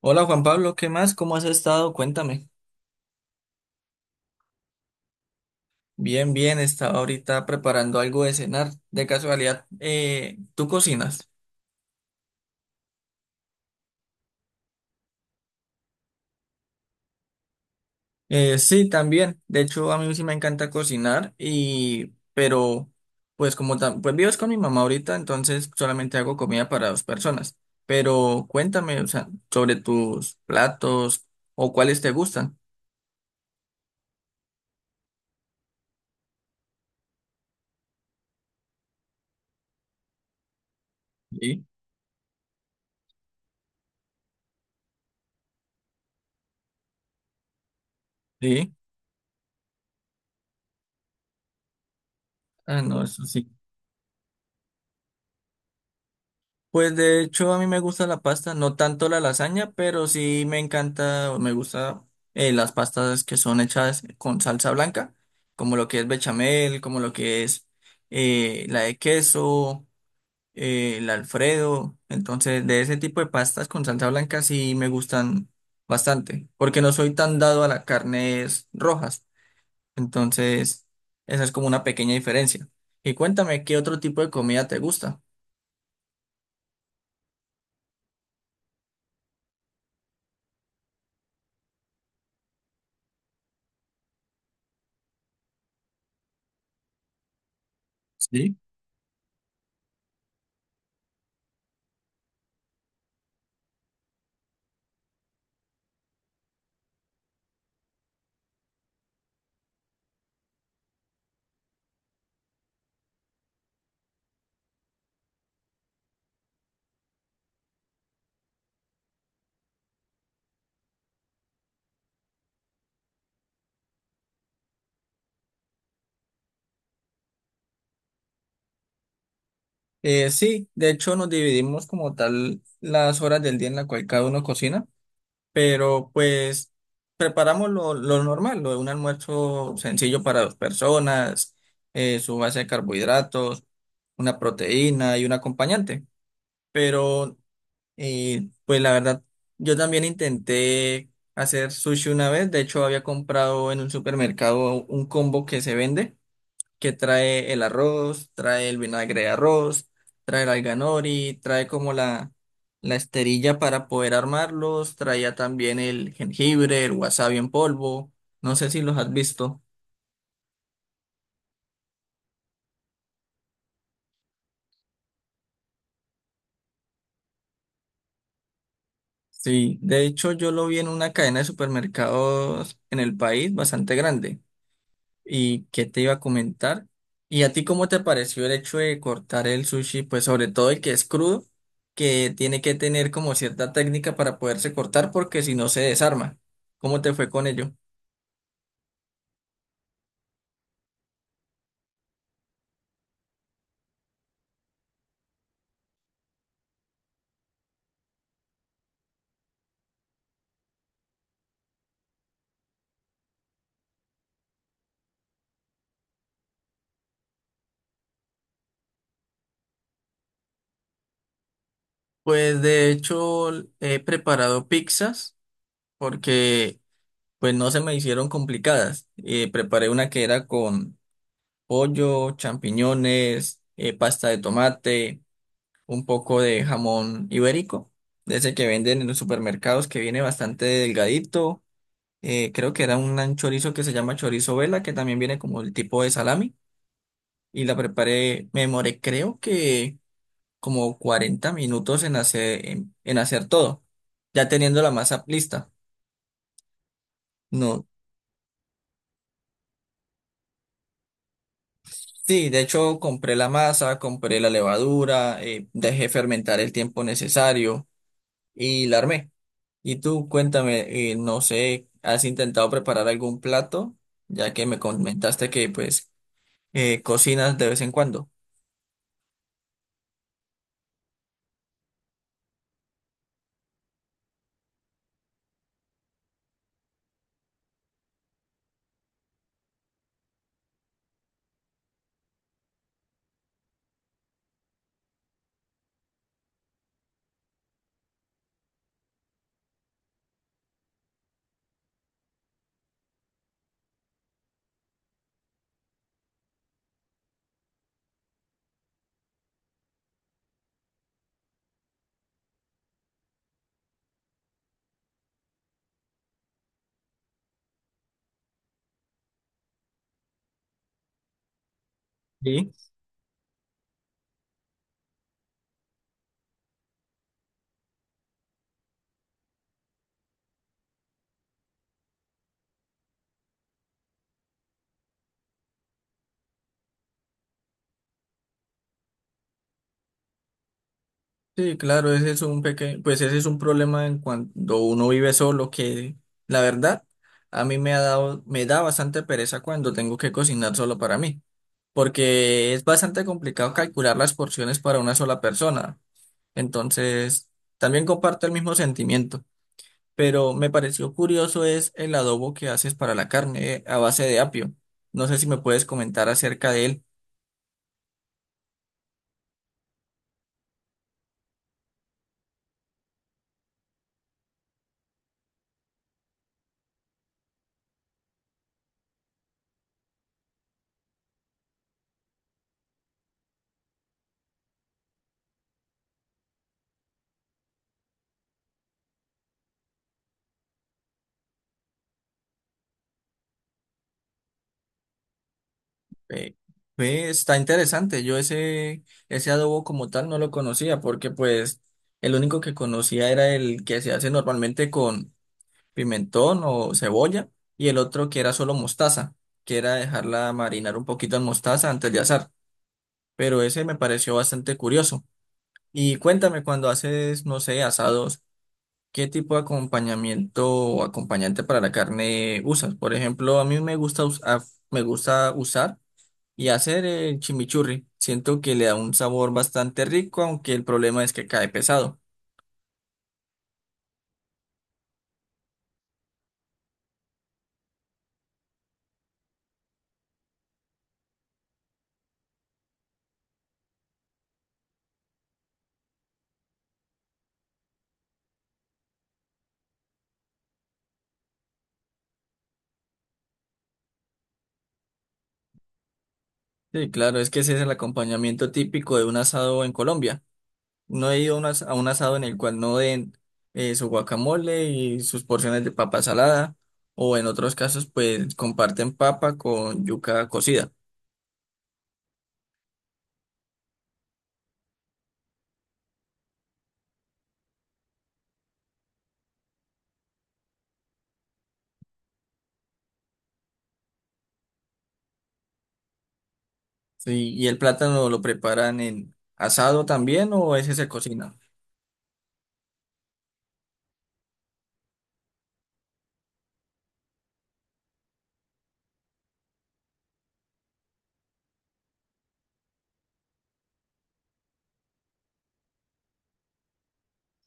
Hola Juan Pablo, ¿qué más? ¿Cómo has estado? Cuéntame. Bien, bien, estaba ahorita preparando algo de cenar. De casualidad, ¿tú cocinas? Sí, también. De hecho, a mí sí me encanta cocinar y, pero, pues como pues vives con mi mamá ahorita, entonces solamente hago comida para dos personas. Pero cuéntame, o sea, sobre tus platos o cuáles te gustan. Sí, sí. Ah, no, eso sí. Pues de hecho a mí me gusta la pasta, no tanto la lasaña, pero sí me encanta o me gusta las pastas que son hechas con salsa blanca, como lo que es bechamel, como lo que es la de queso, el Alfredo. Entonces de ese tipo de pastas con salsa blanca sí me gustan bastante, porque no soy tan dado a las carnes rojas. Entonces esa es como una pequeña diferencia. Y cuéntame, ¿qué otro tipo de comida te gusta? Sí, de hecho nos dividimos como tal las horas del día en la cual cada uno cocina, pero pues preparamos lo normal, lo de un almuerzo sencillo para dos personas, su base de carbohidratos, una proteína y un acompañante. Pero pues la verdad, yo también intenté hacer sushi una vez, de hecho había comprado en un supermercado un combo que se vende que trae el arroz, trae el vinagre de arroz, trae el alga nori, trae como la esterilla para poder armarlos, traía también el jengibre, el wasabi en polvo, no sé si los has visto. Sí, de hecho yo lo vi en una cadena de supermercados en el país bastante grande. Y qué te iba a comentar. ¿Y a ti cómo te pareció el hecho de cortar el sushi? Pues sobre todo el que es crudo, que tiene que tener como cierta técnica para poderse cortar porque si no se desarma. ¿Cómo te fue con ello? Pues de hecho he preparado pizzas porque pues no se me hicieron complicadas. Preparé una que era con pollo, champiñones, pasta de tomate, un poco de jamón ibérico, de ese que venden en los supermercados, que viene bastante delgadito. Creo que era un chorizo que se llama chorizo vela, que también viene como el tipo de salami. Y la preparé, me demoré creo que como 40 minutos en hacer, en hacer todo, ya teniendo la masa lista. No, sí, de hecho compré la masa, compré la levadura, dejé fermentar el tiempo necesario y la armé. Y tú, cuéntame, no sé, ¿has intentado preparar algún plato? Ya que me comentaste que pues cocinas de vez en cuando. Sí. Sí, claro, ese es un pequeño, pues ese es un problema en cuando uno vive solo, que la verdad, a mí me ha dado, me da bastante pereza cuando tengo que cocinar solo para mí, porque es bastante complicado calcular las porciones para una sola persona. Entonces, también comparto el mismo sentimiento. Pero me pareció curioso es el adobo que haces para la carne a base de apio. No sé si me puedes comentar acerca de él. Eh, ve, está interesante. Yo ese, ese adobo como tal no lo conocía porque pues el único que conocía era el que se hace normalmente con pimentón o cebolla y el otro que era solo mostaza, que era dejarla marinar un poquito en mostaza antes de asar. Pero ese me pareció bastante curioso. Y cuéntame cuando haces, no sé, asados. ¿Qué tipo de acompañamiento o acompañante para la carne usas? Por ejemplo, a mí me gusta, me gusta usar y hacer el chimichurri. Siento que le da un sabor bastante rico, aunque el problema es que cae pesado. Sí, claro, es que ese es el acompañamiento típico de un asado en Colombia. No he ido a un, a un asado en el cual no den su guacamole y sus porciones de papa salada, o en otros casos, pues comparten papa con yuca cocida. Sí, ¿y el plátano lo preparan en asado también o ese se cocina?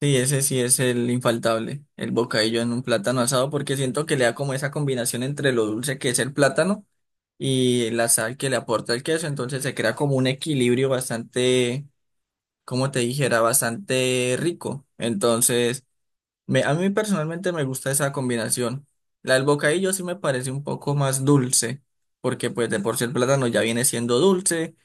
Sí, ese sí es el infaltable, el bocadillo en un plátano asado, porque siento que le da como esa combinación entre lo dulce que es el plátano y la sal que le aporta el queso, entonces se crea como un equilibrio bastante, como te dijera, bastante rico. Entonces, a mí personalmente me gusta esa combinación. La del bocadillo sí me parece un poco más dulce, porque pues de por sí el plátano ya viene siendo dulce.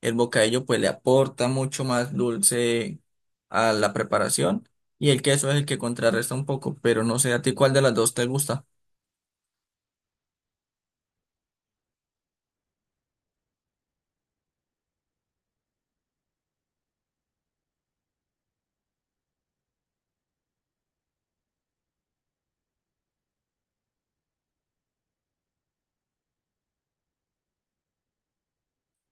El bocadillo pues le aporta mucho más dulce a la preparación y el queso es el que contrarresta un poco, pero no sé a ti cuál de las dos te gusta.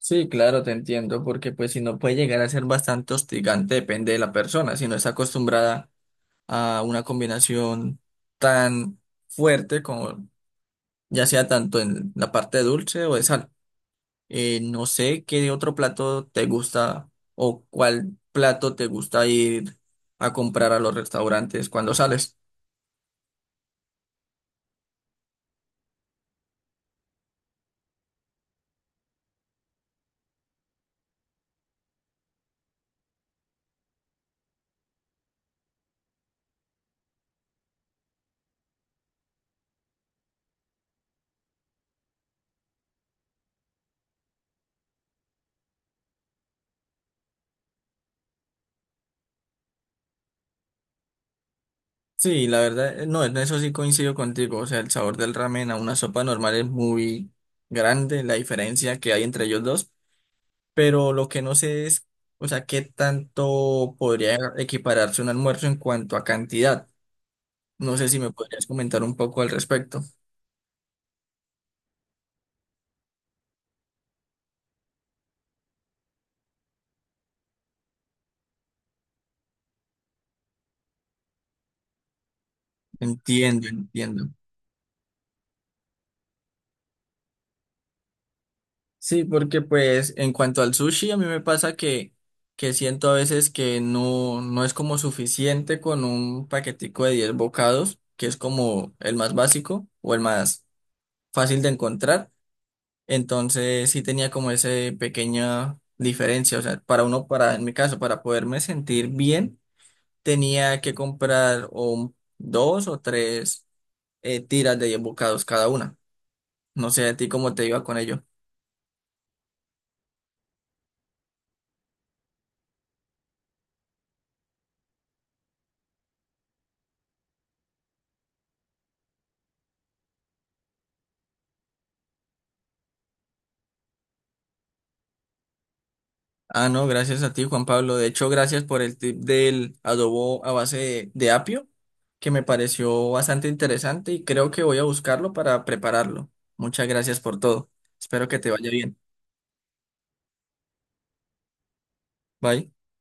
Sí, claro, te entiendo, porque pues si no puede llegar a ser bastante hostigante, depende de la persona, si no está acostumbrada a una combinación tan fuerte como ya sea tanto en la parte dulce o de sal. No sé qué otro plato te gusta o cuál plato te gusta ir a comprar a los restaurantes cuando sales. Sí, la verdad, no, en eso sí coincido contigo. O sea, el sabor del ramen a una sopa normal es muy grande, la diferencia que hay entre ellos dos. Pero lo que no sé es, o sea, qué tanto podría equipararse un almuerzo en cuanto a cantidad. No sé si me podrías comentar un poco al respecto. Entiendo, entiendo. Sí, porque pues en cuanto al sushi, a mí me pasa que siento a veces que no, no es como suficiente con un paquetico de 10 bocados, que es como el más básico o el más fácil de encontrar. Entonces sí tenía como esa pequeña diferencia. O sea, para uno, para, en mi caso, para poderme sentir bien, tenía que comprar o dos o tres tiras de 10 bocados cada una. No sé a ti cómo te iba con ello. Ah, no, gracias a ti, Juan Pablo. De hecho, gracias por el tip del adobo a base de apio, que me pareció bastante interesante y creo que voy a buscarlo para prepararlo. Muchas gracias por todo. Espero que te vaya bien. Bye.